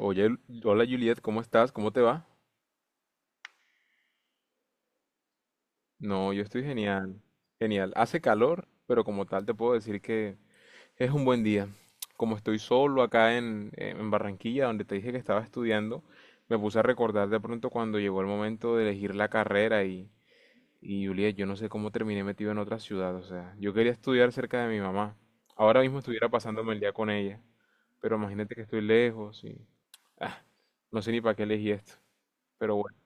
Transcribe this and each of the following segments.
Oye, hola Juliet, ¿cómo estás? ¿Cómo te va? No, yo estoy genial. Genial. Hace calor, pero como tal te puedo decir que es un buen día. Como estoy solo acá en Barranquilla, donde te dije que estaba estudiando, me puse a recordar de pronto cuando llegó el momento de elegir la carrera y Juliet, yo no sé cómo terminé metido en otra ciudad. O sea, yo quería estudiar cerca de mi mamá. Ahora mismo estuviera pasándome el día con ella, pero imagínate que estoy lejos y ah, no sé ni para qué elegí esto. Pero bueno.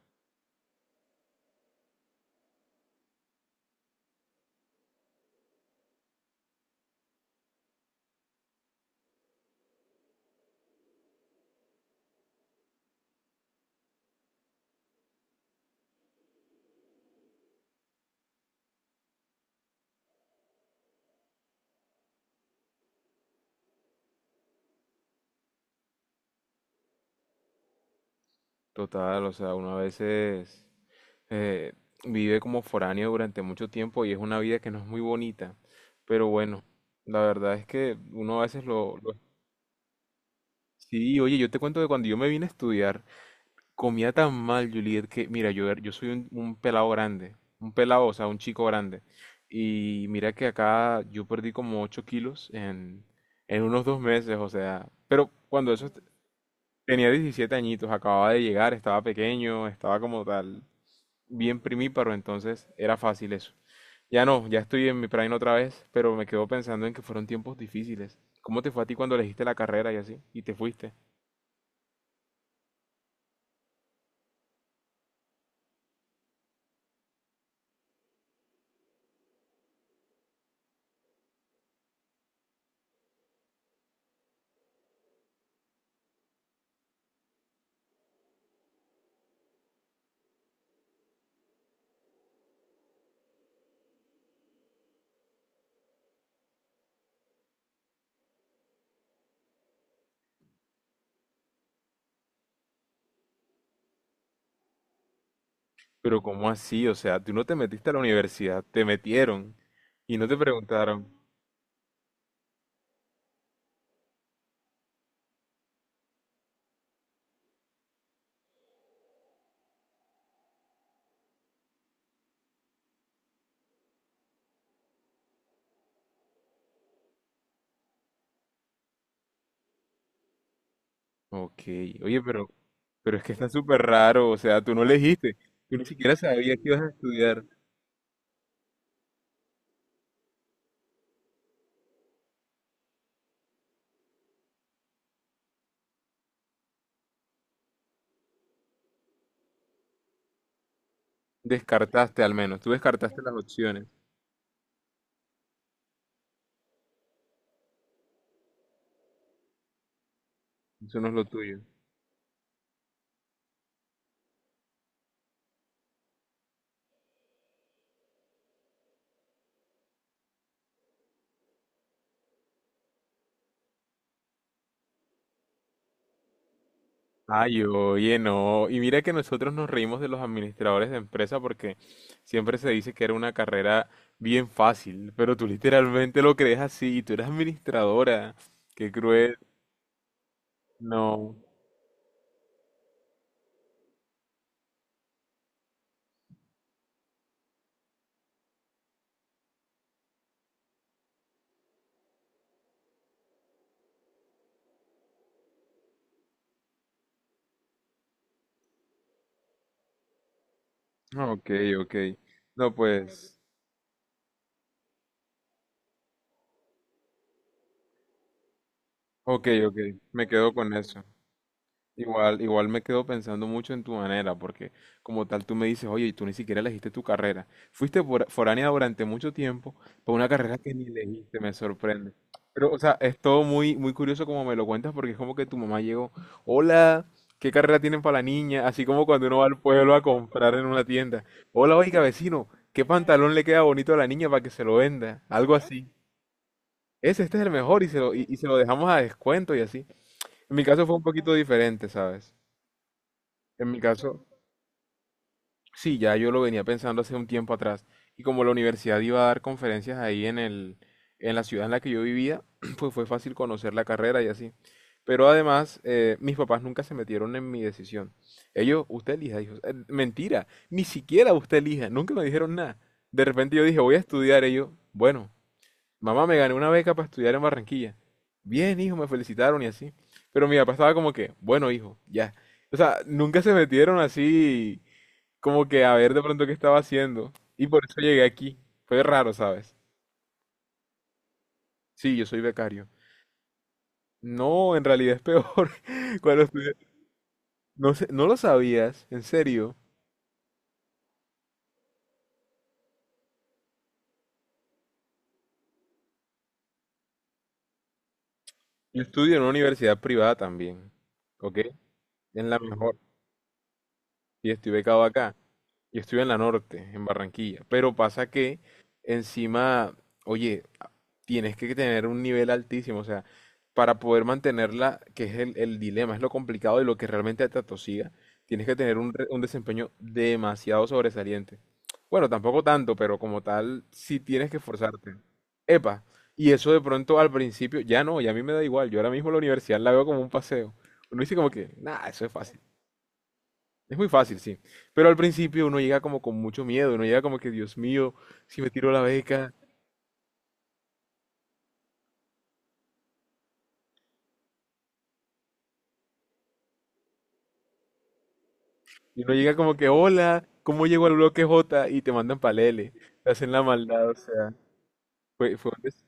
Total, o sea, uno a veces eh, vive como foráneo durante mucho tiempo y es una vida que no es muy bonita. Pero bueno, la verdad es que uno a veces Sí, oye, yo te cuento que cuando yo me vine a estudiar, comía tan mal, Juliet, que mira, yo, era- yo soy un pelado grande, un pelado, o sea, un chico grande. Y mira que acá yo perdí como 8 kilos en unos 2 meses, o sea, pero cuando eso est- tenía 17 añitos, acababa de llegar, estaba pequeño, estaba como tal bien primíparo, entonces era fácil eso. Ya no, ya estoy en mi prime otra vez, pero me quedo pensando en que fueron tiempos difíciles. ¿Cómo te fue a ti cuando elegiste la carrera y así? Y te fuiste. Pero ¿cómo así? O sea, tú no te metiste a la universidad, te metieron y no te preguntaron. Ok, oye, pero es que está súper raro, o sea, tú no elegiste, tú ni siquiera sabías que ibas a estudiar. Descartaste al menos, tú descartaste las opciones, eso no es lo tuyo. Ay, oye, no. Y mira que nosotros nos reímos de los administradores de empresa porque siempre se dice que era una carrera bien fácil, pero tú literalmente lo crees así y tú eres administradora. Qué cruel. No. Ok, ok. No, pues. Ok, ok. Me quedo con eso. Igual, igual me quedo pensando mucho en tu manera, porque como tal tú me dices, oye, y tú ni siquiera elegiste tu carrera. Fuiste fora- foránea durante mucho tiempo por una carrera que ni elegiste, me sorprende. Pero, o sea, es todo muy, muy curioso como me lo cuentas, porque es como que tu mamá llegó, hola, ¿qué carrera tienen para la niña? Así como cuando uno va al pueblo a comprar en una tienda. Hola, oiga, vecino, ¿qué pantalón le queda bonito a la niña para que se lo venda? Algo así. Ese, este es el mejor y se lo, y se lo dejamos a descuento y así. En mi caso fue un poquito diferente, ¿sabes? En mi caso, sí, ya yo lo venía pensando hace un tiempo atrás. Y como la universidad iba a dar conferencias ahí en la ciudad en la que yo vivía, pues fue fácil conocer la carrera y así. Pero además, mis papás nunca se metieron en mi decisión. Ellos, usted elija, hijos. Mentira, ni siquiera usted elija, nunca me dijeron nada. De repente yo dije, voy a estudiar. Ellos, bueno, mamá, me gané una beca para estudiar en Barranquilla. Bien, hijo, me felicitaron y así. Pero mi papá estaba como que, bueno, hijo, ya. O sea, nunca se metieron así como que a ver de pronto qué estaba haciendo. Y por eso llegué aquí. Fue raro, ¿sabes? Sí, yo soy becario. No, en realidad es peor. Cuando estudié... No sé, no lo sabías, en serio. Yo estudio en una universidad privada también. ¿Ok? En la mejor. Y estoy becado acá. Yo estoy en la norte, en Barranquilla, pero pasa que encima, oye, a- tienes que tener un nivel altísimo, o sea, para poder mantenerla, que es el dilema, es lo complicado y lo que realmente te atosiga, tienes que tener un, re- un desempeño demasiado sobresaliente. Bueno, tampoco tanto, pero como tal, sí tienes que esforzarte. Epa, y eso de pronto al principio, ya no, ya a mí me da igual, yo ahora mismo la universidad la veo como un paseo. Uno dice como que, nada, eso es fácil. Es muy fácil, sí. Pero al principio uno llega como con mucho miedo, uno llega como que, Dios mío, si me tiro la beca, y uno llega como que, hola, ¿cómo llego al bloque J? Y te mandan palele, te hacen la maldad, o sea, fue un des-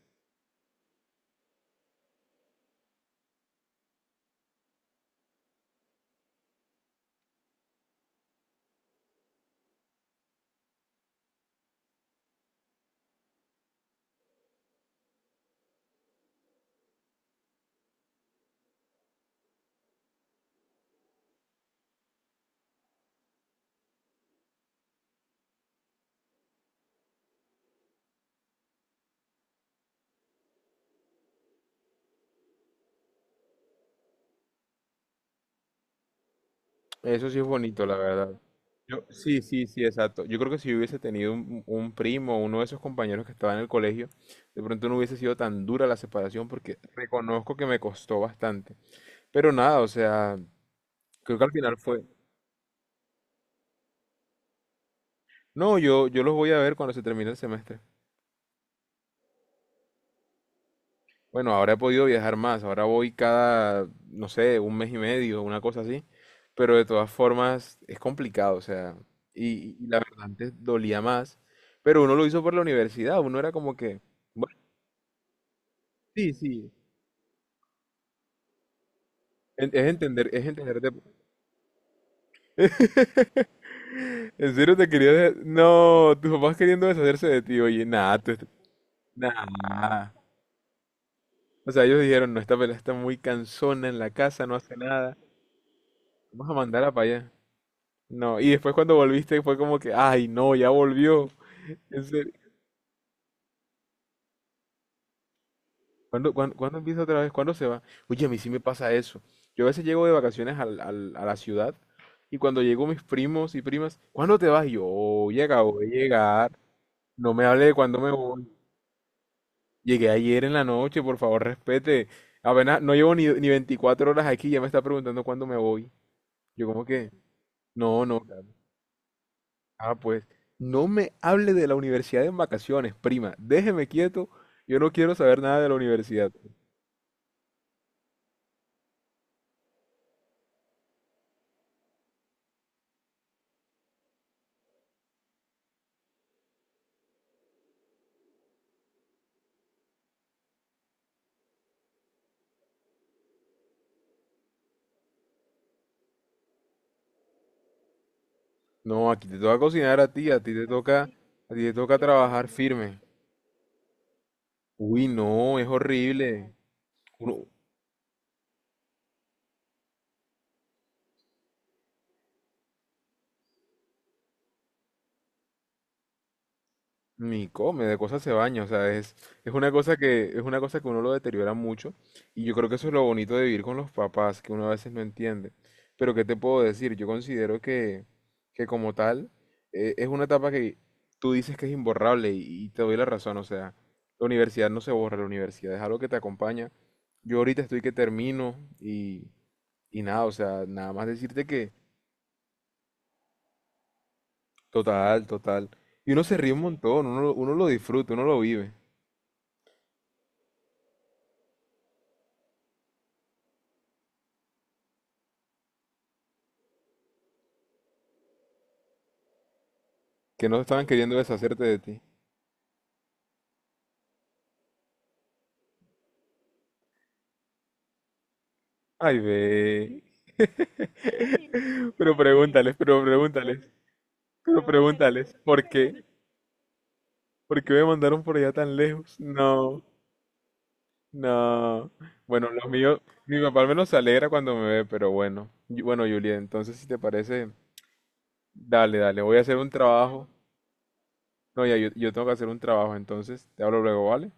eso sí es bonito, la verdad. Yo, sí, sí, sí, exacto. Yo creo que si yo hubiese tenido un primo, uno de esos compañeros que estaba en el colegio, de pronto no hubiese sido tan dura la separación porque reconozco que me costó bastante. Pero nada, o sea, creo que al final fue... No, yo los voy a ver cuando se termine el semestre. Bueno, ahora he podido viajar más, ahora voy cada, no sé, un mes y medio, una cosa así, pero de todas formas es complicado, o sea, y la verdad antes dolía más, pero uno lo hizo por la universidad, uno era como que, bueno, sí, sí, en- es entender, es entenderte. ¿En serio te querías? De- No, tus papás queriendo deshacerse de ti, oye, nada, tú, est- nada. O sea, ellos dijeron, no, esta pelada está muy cansona en la casa, no hace nada, vamos a mandarla para allá. No, y después cuando volviste fue como que, ay, no, ya volvió. En serio. ¿Cuándo, cuán- cuándo empieza otra vez? ¿Cuándo se va? Oye, a mí sí me pasa eso. Yo a veces llego de vacaciones a la ciudad y cuando llego mis primos y primas, ¿cuándo te vas? Y yo, oye, acabo de llegar. No me hable de cuándo me voy. Llegué ayer en la noche, por favor, respete. Apenas no llevo ni 24 horas aquí, ya me está preguntando cuándo me voy. Yo como que, no, no, ah, pues, no me hable de la universidad en vacaciones, prima. Déjeme quieto. Yo no quiero saber nada de la universidad. No, aquí te toca cocinar a ti te toca, a ti te toca trabajar firme. Uy, no, es horrible. Uno, ni come, de cosas se baña, o sea, es una cosa que, es una cosa que uno lo deteriora mucho, y yo creo que eso es lo bonito de vivir con los papás, que uno a veces no entiende. Pero ¿qué te puedo decir? Yo considero que como tal, es una etapa que tú dices que es imborrable, y te doy la razón, o sea, la universidad no se borra, la universidad es algo que te acompaña. Yo ahorita estoy que termino, y nada, o sea, nada más decirte que total, total. Y uno se ríe un montón, uno lo disfruta, uno lo vive. Que no estaban queriendo deshacerte de ti. Ay, ve. Pero pregúntales, pero pregúntales, pero pregúntales. ¿Por qué? ¿Por qué me mandaron por allá tan lejos? No, no. Bueno, los míos, mi papá al menos se alegra cuando me ve, pero bueno. Y- bueno, Julia, entonces si te parece, dale, dale, voy a hacer un trabajo. No, ya, yo tengo que hacer un trabajo, entonces te hablo luego, ¿vale?